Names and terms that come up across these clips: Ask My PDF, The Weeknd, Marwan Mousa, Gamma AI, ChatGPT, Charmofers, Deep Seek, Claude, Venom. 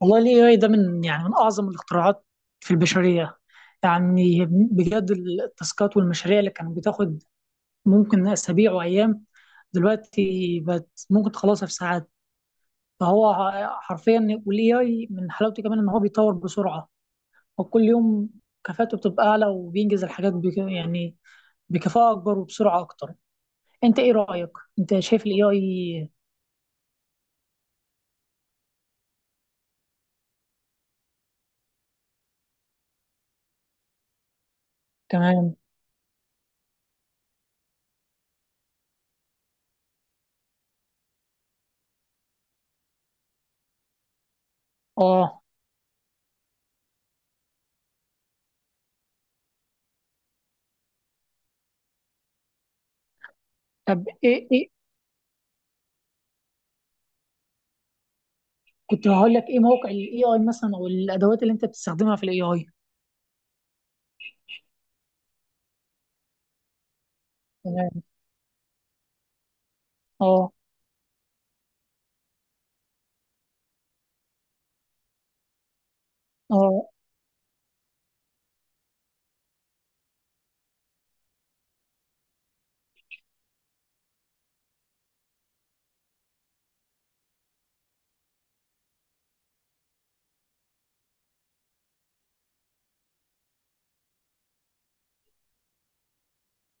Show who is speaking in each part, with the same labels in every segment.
Speaker 1: والله ال AI ده من أعظم الاختراعات في البشرية. يعني بجد التاسكات والمشاريع اللي كانت بتاخد ممكن أسابيع وأيام، دلوقتي بقت ممكن تخلصها في ساعات. فهو حرفيا، وال AI من حلاوته كمان إن هو بيتطور بسرعة وكل يوم كفاءته بتبقى أعلى وبينجز الحاجات بك يعني بكفاءة أكبر وبسرعة أكتر. أنت إيه رأيك؟ أنت شايف ال AI. تمام. آه، طب إيه كنت هقول لك ايه موقع الاي اي مثلا او الادوات اللي انت بتستخدمها في الاي اي. تمام. اه اه،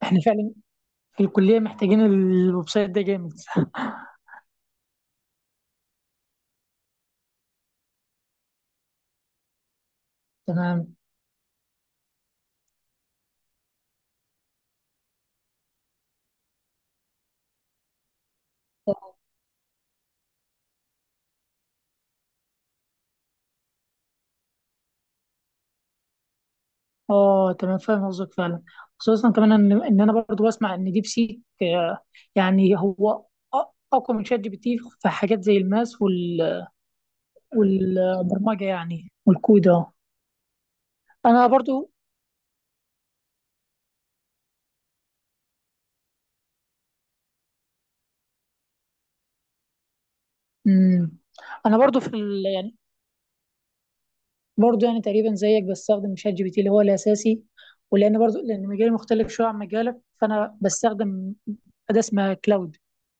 Speaker 1: احنا فعلا في الكليه محتاجين الويب سايت ده جامد. تمام. اه، تمام فاهم قصدك فعلا، خصوصا كمان ان انا برضو بسمع ان ديب سيك، يعني هو أ- اقوى من شات جي بي تي في حاجات زي الماس وال والبرمجه يعني والكود اه. انا برضو. مم. انا برضو في يعني برضه يعني تقريبا زيك بستخدم شات جي بي تي اللي هو الاساسي، ولان برضه لان مجالي مختلف شويه عن مجالك فانا بستخدم اداه اسمها كلاود.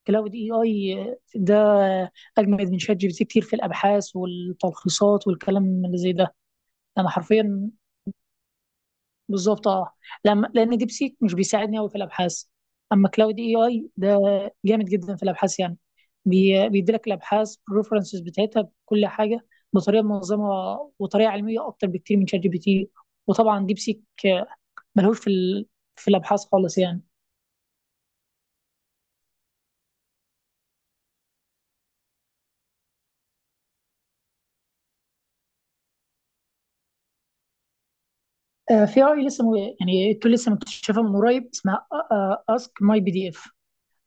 Speaker 1: كلاود اي اي ده اجمد من شات جي بي تي كتير في الابحاث والتلخيصات والكلام اللي زي ده. انا حرفيا بالظبط اه، لما لان ديب سيك مش بيساعدني قوي في الابحاث، اما كلاود اي اي ده جامد جدا في الابحاث يعني، بيديلك الابحاث الريفرنسز بتاعتها بكل حاجه بطريقه منظمه وطريقه علميه اكتر بكتير من شات جي بي تي. وطبعا ديب سيك ملهوش في في الابحاث خالص يعني. في اي لسه يعني التول لسه مكتشفه من قريب اسمها اسك ماي بي دي اف.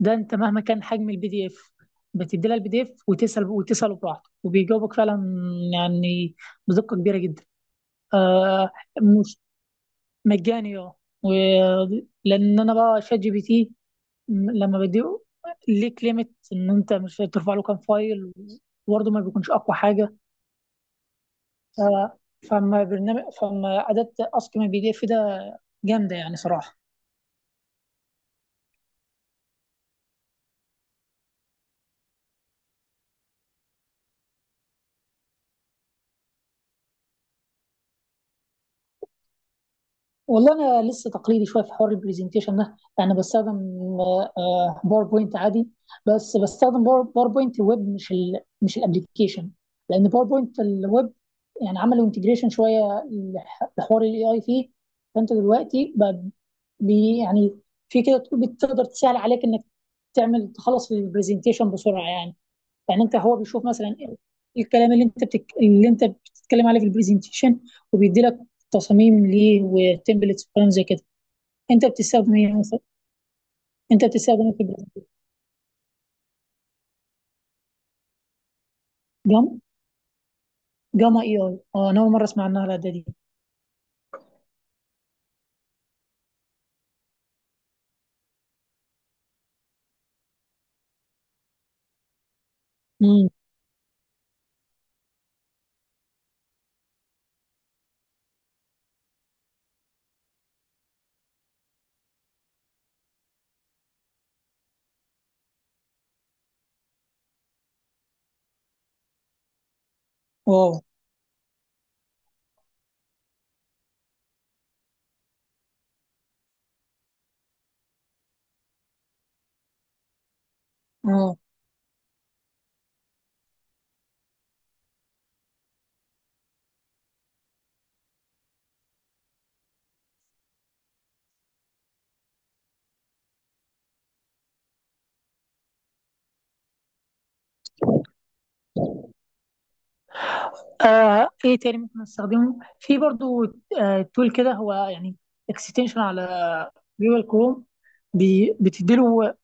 Speaker 1: ده انت مهما كان حجم البي دي اف، بتدي لها البي دي اف وتسال وتساله براحته وبيجاوبك فعلا، يعني بدقه كبيره جدا. آه، مش مجاني اه. و- لان انا بقى شات جي بي تي لما بديه، ليك ليميت ان انت مش ترفع له كام فايل وبرضه ما بيكونش اقوى حاجه. آه فما برنامج فما اداه اسك من البي دي اف ده جامده يعني صراحه. والله انا لسه تقليدي شويه في حوار البرزنتيشن ده، يعني بستخدم باوربوينت عادي، بس بستخدم باوربوينت ويب مش مش الابلكيشن. لان باوربوينت الويب يعني عملوا انتجريشن شويه لحوار الاي اي فيه. فانت دلوقتي بقى بي يعني في كده بتقدر تسهل عليك انك تخلص البرزنتيشن بسرعه يعني. يعني انت هو بيشوف مثلا الكلام اللي اللي انت بتتكلم عليه في البرزنتيشن وبيدي لك تصاميم ليه وتمبلتس وكلام زي كده. انت بتستخدم ايه مثلا؟ انت بتستخدم ايه في البرزنتيشن؟ جام جاما اي اي اه، انا اول مره اسمع عنها الاداه دي. امم واو اه. ايه تاني ممكن استخدمه في برضو. آه، تول كده هو، يعني اكستنشن على جوجل كروم، بتديله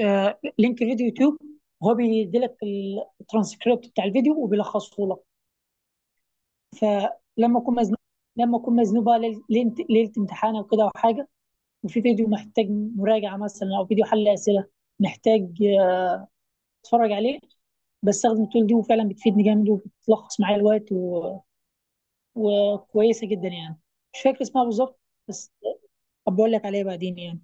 Speaker 1: آه لينك فيديو يوتيوب، هو بيديلك الترانسكريبت بتاع الفيديو وبيلخصه لك. فلما اكون مزنوق لما اكون مزنوق بقى ليلة امتحان او كده او حاجه، وفي فيديو محتاج مراجعه مثلا او فيديو حل اسئله، محتاج اتفرج عليه، بستخدم التول دي وفعلا بتفيدني جامد وبتلخص معايا الوقت وكويسه جدا يعني. مش فاكر اسمها بالظبط، بس أبقى اقول لك عليها بعدين يعني.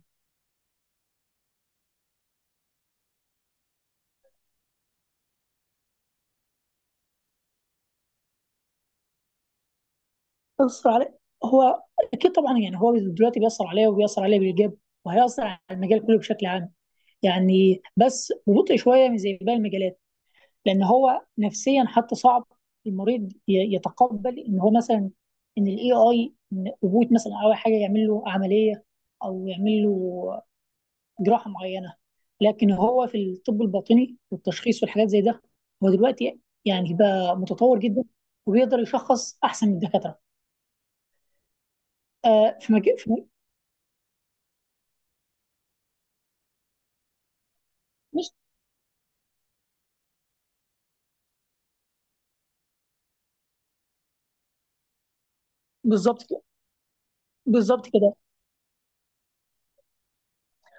Speaker 1: بيأثر علي هو، اكيد طبعا يعني هو دلوقتي بيأثر عليا وبيأثر عليا بالايجاب، وهيأثر على المجال كله بشكل عام. يعني بس ببطء شويه من زي باقي المجالات لان هو نفسيا حتى صعب المريض يتقبل ان هو مثلا ان الاي اي، ان روبوت مثلا او حاجه يعمل له عمليه او يعمل له جراحه معينه. لكن هو في الطب الباطني والتشخيص والحاجات زي ده هو دلوقتي يعني بقى متطور جدا، وبيقدر يشخص احسن من الدكاتره. آه، في مجال مش. بالظبط كده. بالظبط كده.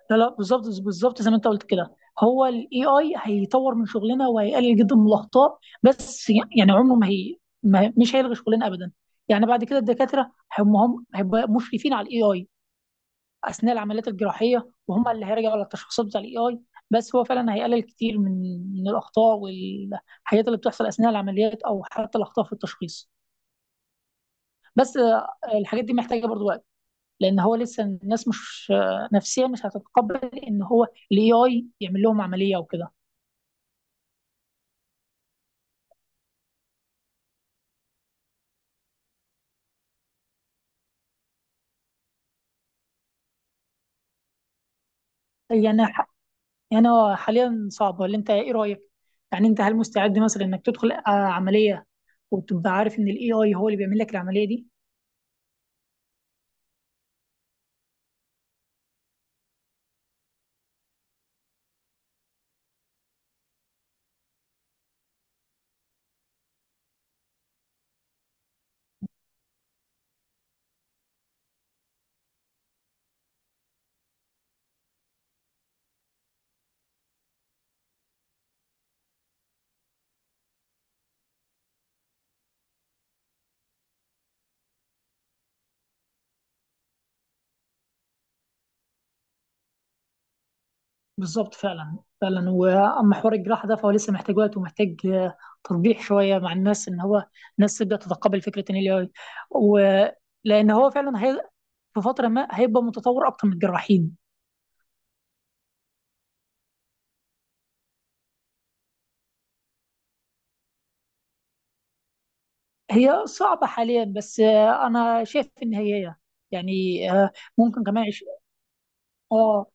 Speaker 1: لا لا، بالظبط بالظبط زي ما انت قلت كده. هو الاي اي هيطور من شغلنا وهيقلل جدا من الاخطاء، بس يعني عمره ما هي ما مش هيلغي شغلنا ابدا. يعني بعد كده الدكاتره هم هيبقى مشرفين على الاي اي اثناء العمليات الجراحيه، وهم اللي هيراجعوا على التشخيصات بتاع الاي اي. بس هو فعلا هيقلل كتير من الاخطاء والحاجات اللي بتحصل اثناء العمليات او حتى الاخطاء في التشخيص. بس الحاجات دي محتاجه برضو وقت، لان هو لسه الناس مش، نفسيا مش هتتقبل ان هو الاي اي يعمل لهم عمليه وكده. يعني هو حاليا صعب، ولا انت ايه رايك؟ يعني انت هل مستعد مثلا انك تدخل عمليه وتبقى عارف ان الاي اي هو اللي بيعمل لك العمليه دي؟ بالظبط فعلا فعلا. واما حوار الجراحه ده فهو لسه محتاج وقت، ومحتاج تطبيع شويه مع الناس، ان هو الناس تبدا تتقبل فكره ان الاي اي، ولان هو فعلا في فتره ما هيبقى متطور اكتر من الجراحين. هي صعبة حاليا، بس أنا شايف إن هي يعني، ممكن كمان عش... آه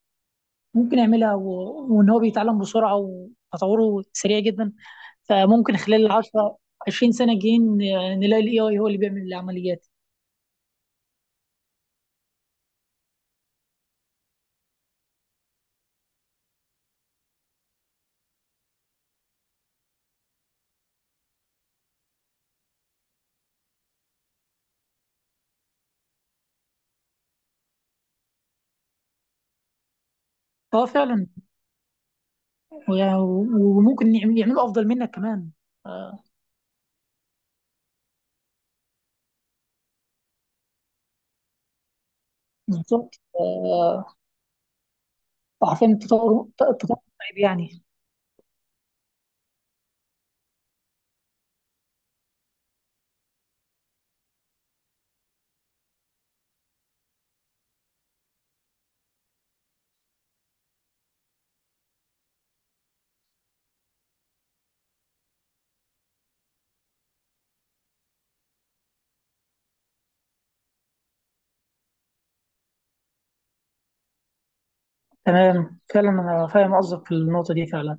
Speaker 1: ممكن يعملها وإن هو بيتعلم بسرعة وتطوره سريع جدا، فممكن خلال 10 20 سنة الجايين نلاقي ال AI هو اللي بيعمل العمليات. اه فعلا. وممكن يعملوا أفضل منك كمان. آه، بالظبط. عارفين، التطور التطور رهيب يعني. تمام، فعلا أنا فاهم قصدك في النقطة دي فعلا.